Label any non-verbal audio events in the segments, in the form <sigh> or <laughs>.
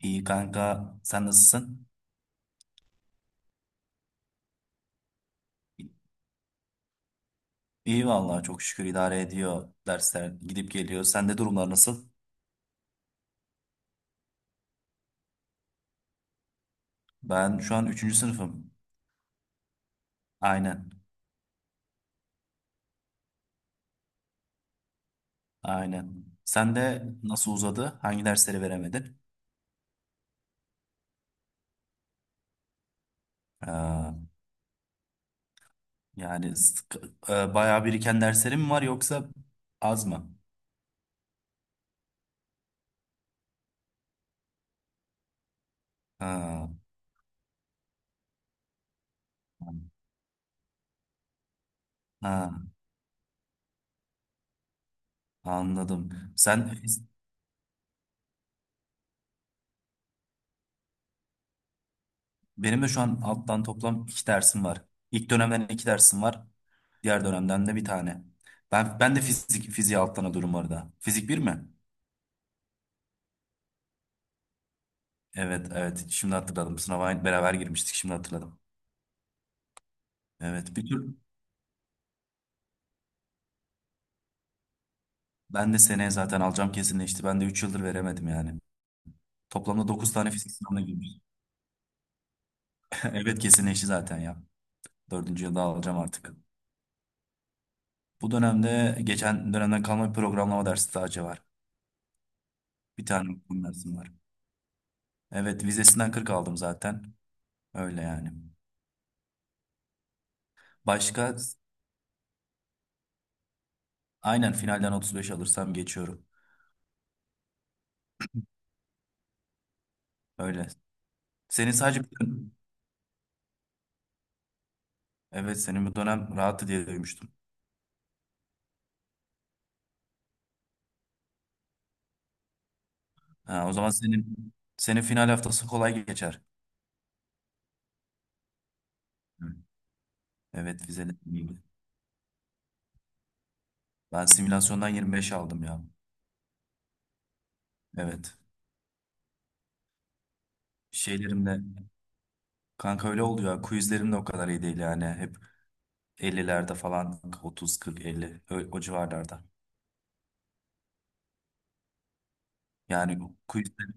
İyi kanka, sen nasılsın? İyi vallahi çok şükür idare ediyor dersler gidip geliyor. Sende durumlar nasıl? Ben şu an üçüncü sınıfım. Aynen, aynen. Sen de nasıl uzadı? Hangi dersleri veremedin? Ee, yani bayağı biriken derslerin mi var yoksa az mı? Ha, ha, anladım. Sen Benim de şu an alttan toplam iki dersim var. İlk dönemden iki dersim var. Diğer dönemden de bir tane. Ben de fiziği alttan alıyorum orada. Fizik bir mi? Evet, evet şimdi hatırladım. Sınava beraber girmiştik şimdi hatırladım. Evet bir tür ben de seneye zaten alacağım kesinleşti. Ben de 3 yıldır veremedim yani. Toplamda 9 tane fizik sınavına girmiştim. <laughs> Evet kesinleşti zaten ya. Dördüncü yılda alacağım artık. Bu dönemde geçen dönemden kalma bir programlama dersi daha var. Bir tane okuma dersim var. Evet vizesinden 40 aldım zaten. Öyle yani. Başka aynen finalden 35 alırsam geçiyorum. Öyle. Senin sadece Evet, senin bu dönem rahattı diye duymuştum. Ha, o zaman senin final haftası kolay geçer. Hı. Evet vizeler iyiydi. Ben simülasyondan 25 aldım ya. Evet. Şeylerimde kanka öyle oluyor. Quizlerim de o kadar iyi değil yani. Hep 50'lerde falan 30 40 50 o civarlarda. Yani quizden,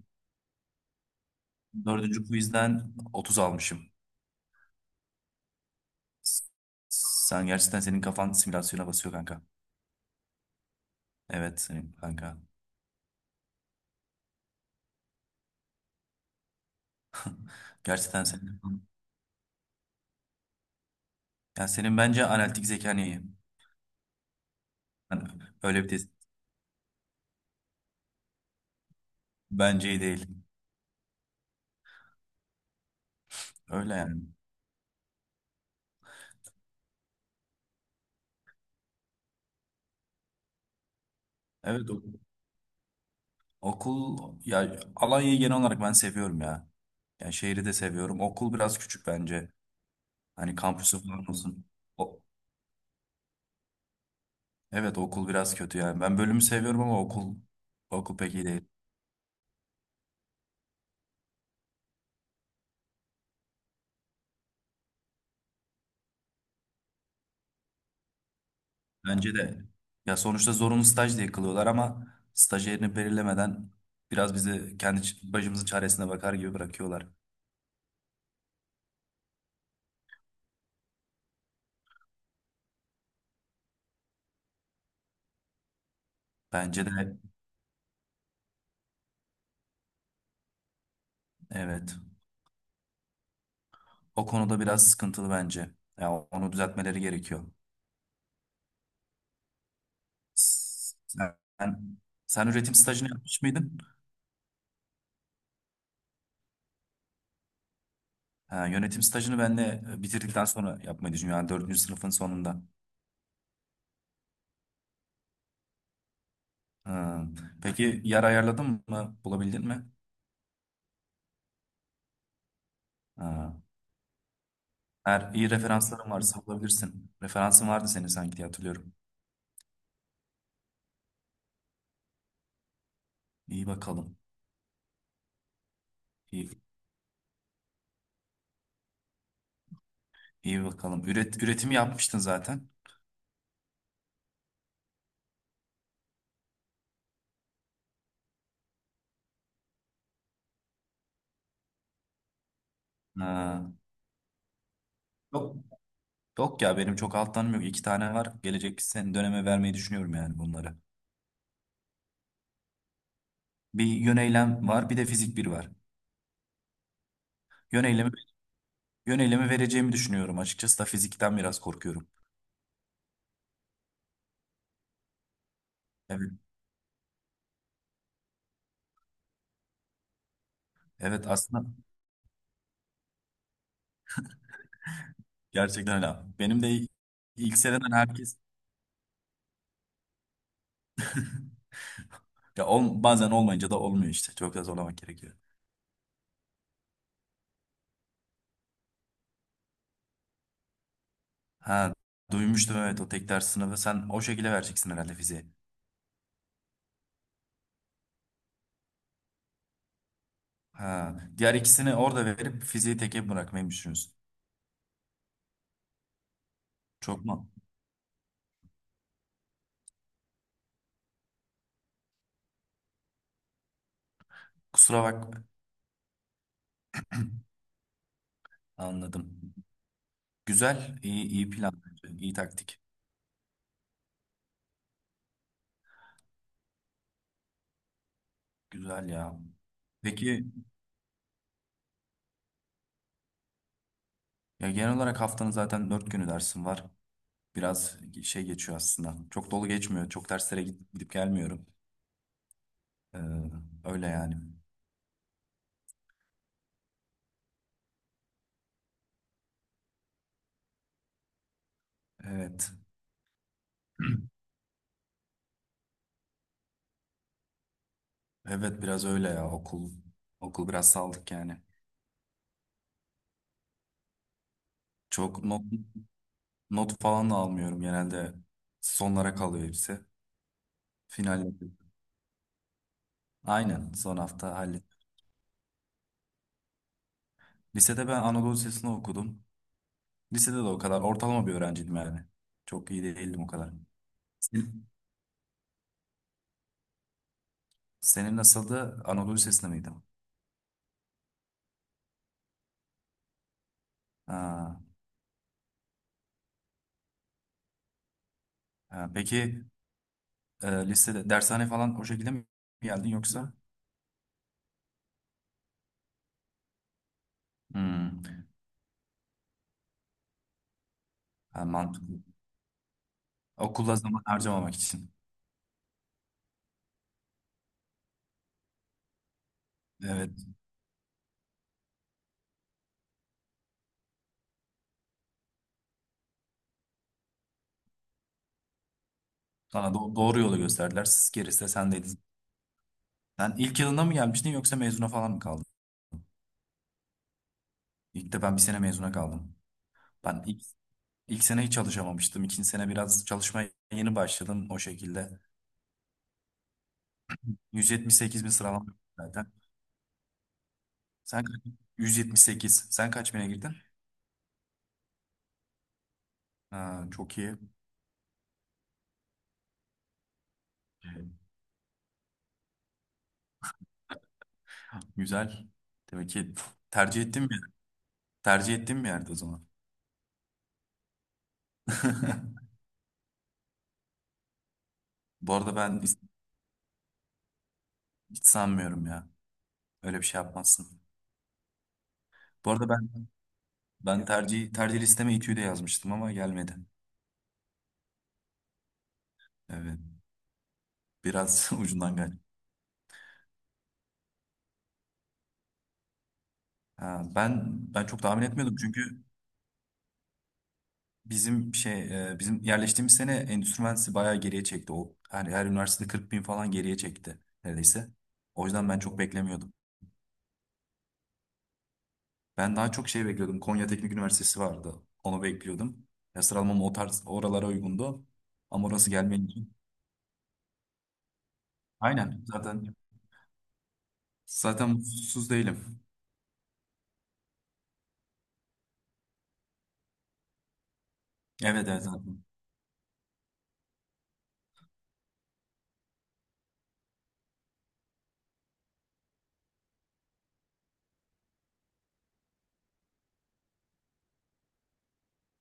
dördüncü quizden 30 almışım. Gerçekten senin kafan simülasyona basıyor kanka. Evet senin kanka. <laughs> Gerçekten senin kafan. Yani senin bence analitik zekan iyi. Yani öyle bir test. Bence iyi değil. Öyle yani. Evet okul ya Alanya'yı genel olarak ben seviyorum ya. Yani şehri de seviyorum. Okul biraz küçük bence. Hani kampüsü falan olsun. O, evet, okul biraz kötü yani. Ben bölümü seviyorum ama okul pek iyi değil. Bence de. Ya sonuçta zorunlu staj diye kılıyorlar ama staj yerini belirlemeden biraz bizi kendi başımızın çaresine bakar gibi bırakıyorlar. Bence de evet. O konuda biraz sıkıntılı bence. Ya onu düzeltmeleri gerekiyor. Sen, sen üretim stajını yapmış mıydın? Ha, yönetim stajını ben de bitirdikten sonra yapmayı düşünüyorum. Yani dördüncü sınıfın sonunda. Ha, peki yer ayarladın mı? Bulabildin mi? Ha, eğer iyi referansların varsa bulabilirsin. Referansın vardı senin sanki diye hatırlıyorum. İyi bakalım. İyi, iyi bakalım. Üretimi yapmıştın zaten. Ha. Yok. Yok ya benim çok alttanım yok. İki tane var. Gelecek döneme vermeyi düşünüyorum yani bunları. Bir yön eylem var, bir de fizik bir var. Yön eylemi, Yön eylemi vereceğimi düşünüyorum. Açıkçası da fizikten biraz korkuyorum. Evet, evet aslında gerçekten öyle. Benim de ilk seneden bazen olmayınca da olmuyor işte. Çok da zorlamak gerekiyor. Ha, duymuştum evet o tek ders sınavı. Sen o şekilde vereceksin herhalde fiziği. Ha, diğer ikisini orada verip fiziği teke bırakmayı mı düşünüyorsun. Çok mu? Kusura bak. Anladım. Güzel, iyi plan bence. İyi taktik. Güzel ya. Peki, ya genel olarak haftanın zaten 4 günü dersin var. Biraz şey geçiyor aslında. Çok dolu geçmiyor. Çok derslere gidip gelmiyorum. Ee, öyle yani. Evet. Evet biraz öyle ya okul. Okul biraz saldık yani. Çok not falan da almıyorum genelde. Sonlara kalıyor hepsi. Final. Aynen son hafta hallettim. Lisede ben Anadolu Lisesi'ni okudum. Lisede de o kadar ortalama bir öğrenciydim yani. Çok iyi değildim o kadar. Senin, senin nasıldı? Anadolu Lisesi'nde miydin? Ha, ha, peki lisede dershane falan o şekilde mi geldin yoksa? Hmm, ha, mantıklı. Okula zaman harcamamak için. Evet. Sana doğru yolu gösterdiler. Siz gerisi de sendeydin. Sen ilk yılında mı gelmiştin yoksa mezuna falan mı kaldın? İlk de ben bir sene mezuna kaldım. Ben ilk İlk sene hiç çalışamamıştım. İkinci sene biraz çalışmaya yeni başladım o şekilde. 178 bin sıralama zaten. Sen kaç? 178. Sen kaç bine girdin? Ha, çok iyi. Güzel. Demek ki tercih ettiğim bir, tercih ettiğim bir yerde o zaman. <laughs> Bu arada hiç sanmıyorum ya. Öyle bir şey yapmazsın. Bu arada ben tercih listeme İTÜ'yü de yazmıştım ama gelmedi. Evet. Biraz <laughs> ucundan geldi. Ha, ben çok tahmin etmiyordum çünkü bizim yerleştiğimiz sene endüstri mühendisliği bayağı geriye çekti. O her üniversitede 40 bin falan geriye çekti neredeyse. O yüzden ben çok beklemiyordum. Ben daha çok şey bekliyordum. Konya Teknik Üniversitesi vardı. Onu bekliyordum. Ya sıralamam o tarz oralara uygundu. Ama orası gelmeyince. Aynen zaten mutsuz değilim. Evet, evet zaten.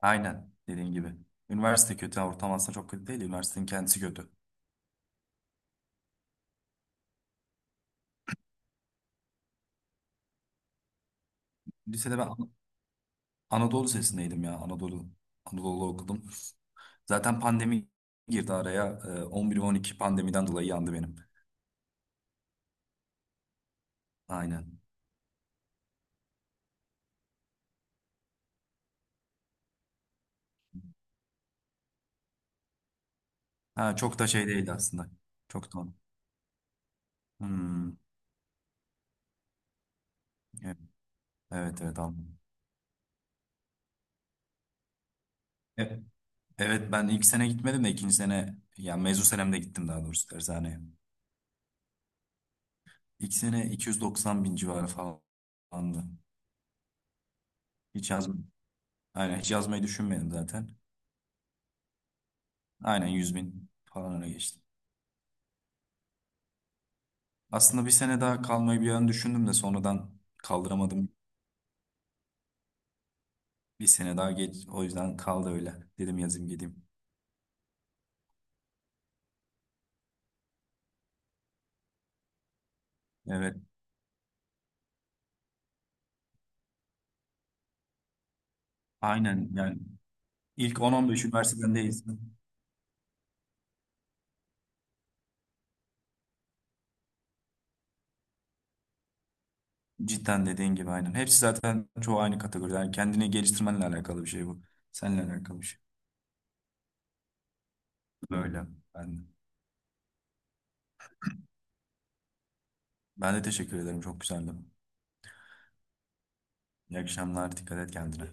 Aynen dediğin gibi. Üniversite kötü ortam aslında çok kötü değil. Üniversitenin kendisi kötü. Lisede ben Anadolu Lisesi'ndeydim ya. Anadolu okudum. Zaten pandemi girdi araya. 11-12 pandemiden dolayı yandı benim. Aynen. Ha, çok da şey değildi aslında. Çok da. Hmm. Evet, evet, evet, anladım. E- Evet ben ilk sene gitmedim de ikinci sene yani mezun senemde gittim daha doğrusu dershaneye. İlk sene 290 bin civarı falandı. Hiç yazmadım. Aynen hiç yazmayı düşünmedim zaten. Aynen 100 bin falan öyle geçtim. Aslında bir sene daha kalmayı bir an düşündüm de sonradan kaldıramadım. Bir sene daha geç o yüzden kaldı öyle. Dedim yazayım gideyim. Evet, aynen yani ilk 10-15 üniversiteden değilsin. Cidden dediğin gibi aynen. Hepsi zaten çoğu aynı kategoride. Yani kendini geliştirmenle alakalı bir şey bu. Seninle alakalı bir şey. Böyle. Ben, ben de teşekkür ederim. Çok güzeldi. İyi akşamlar. Dikkat et kendine.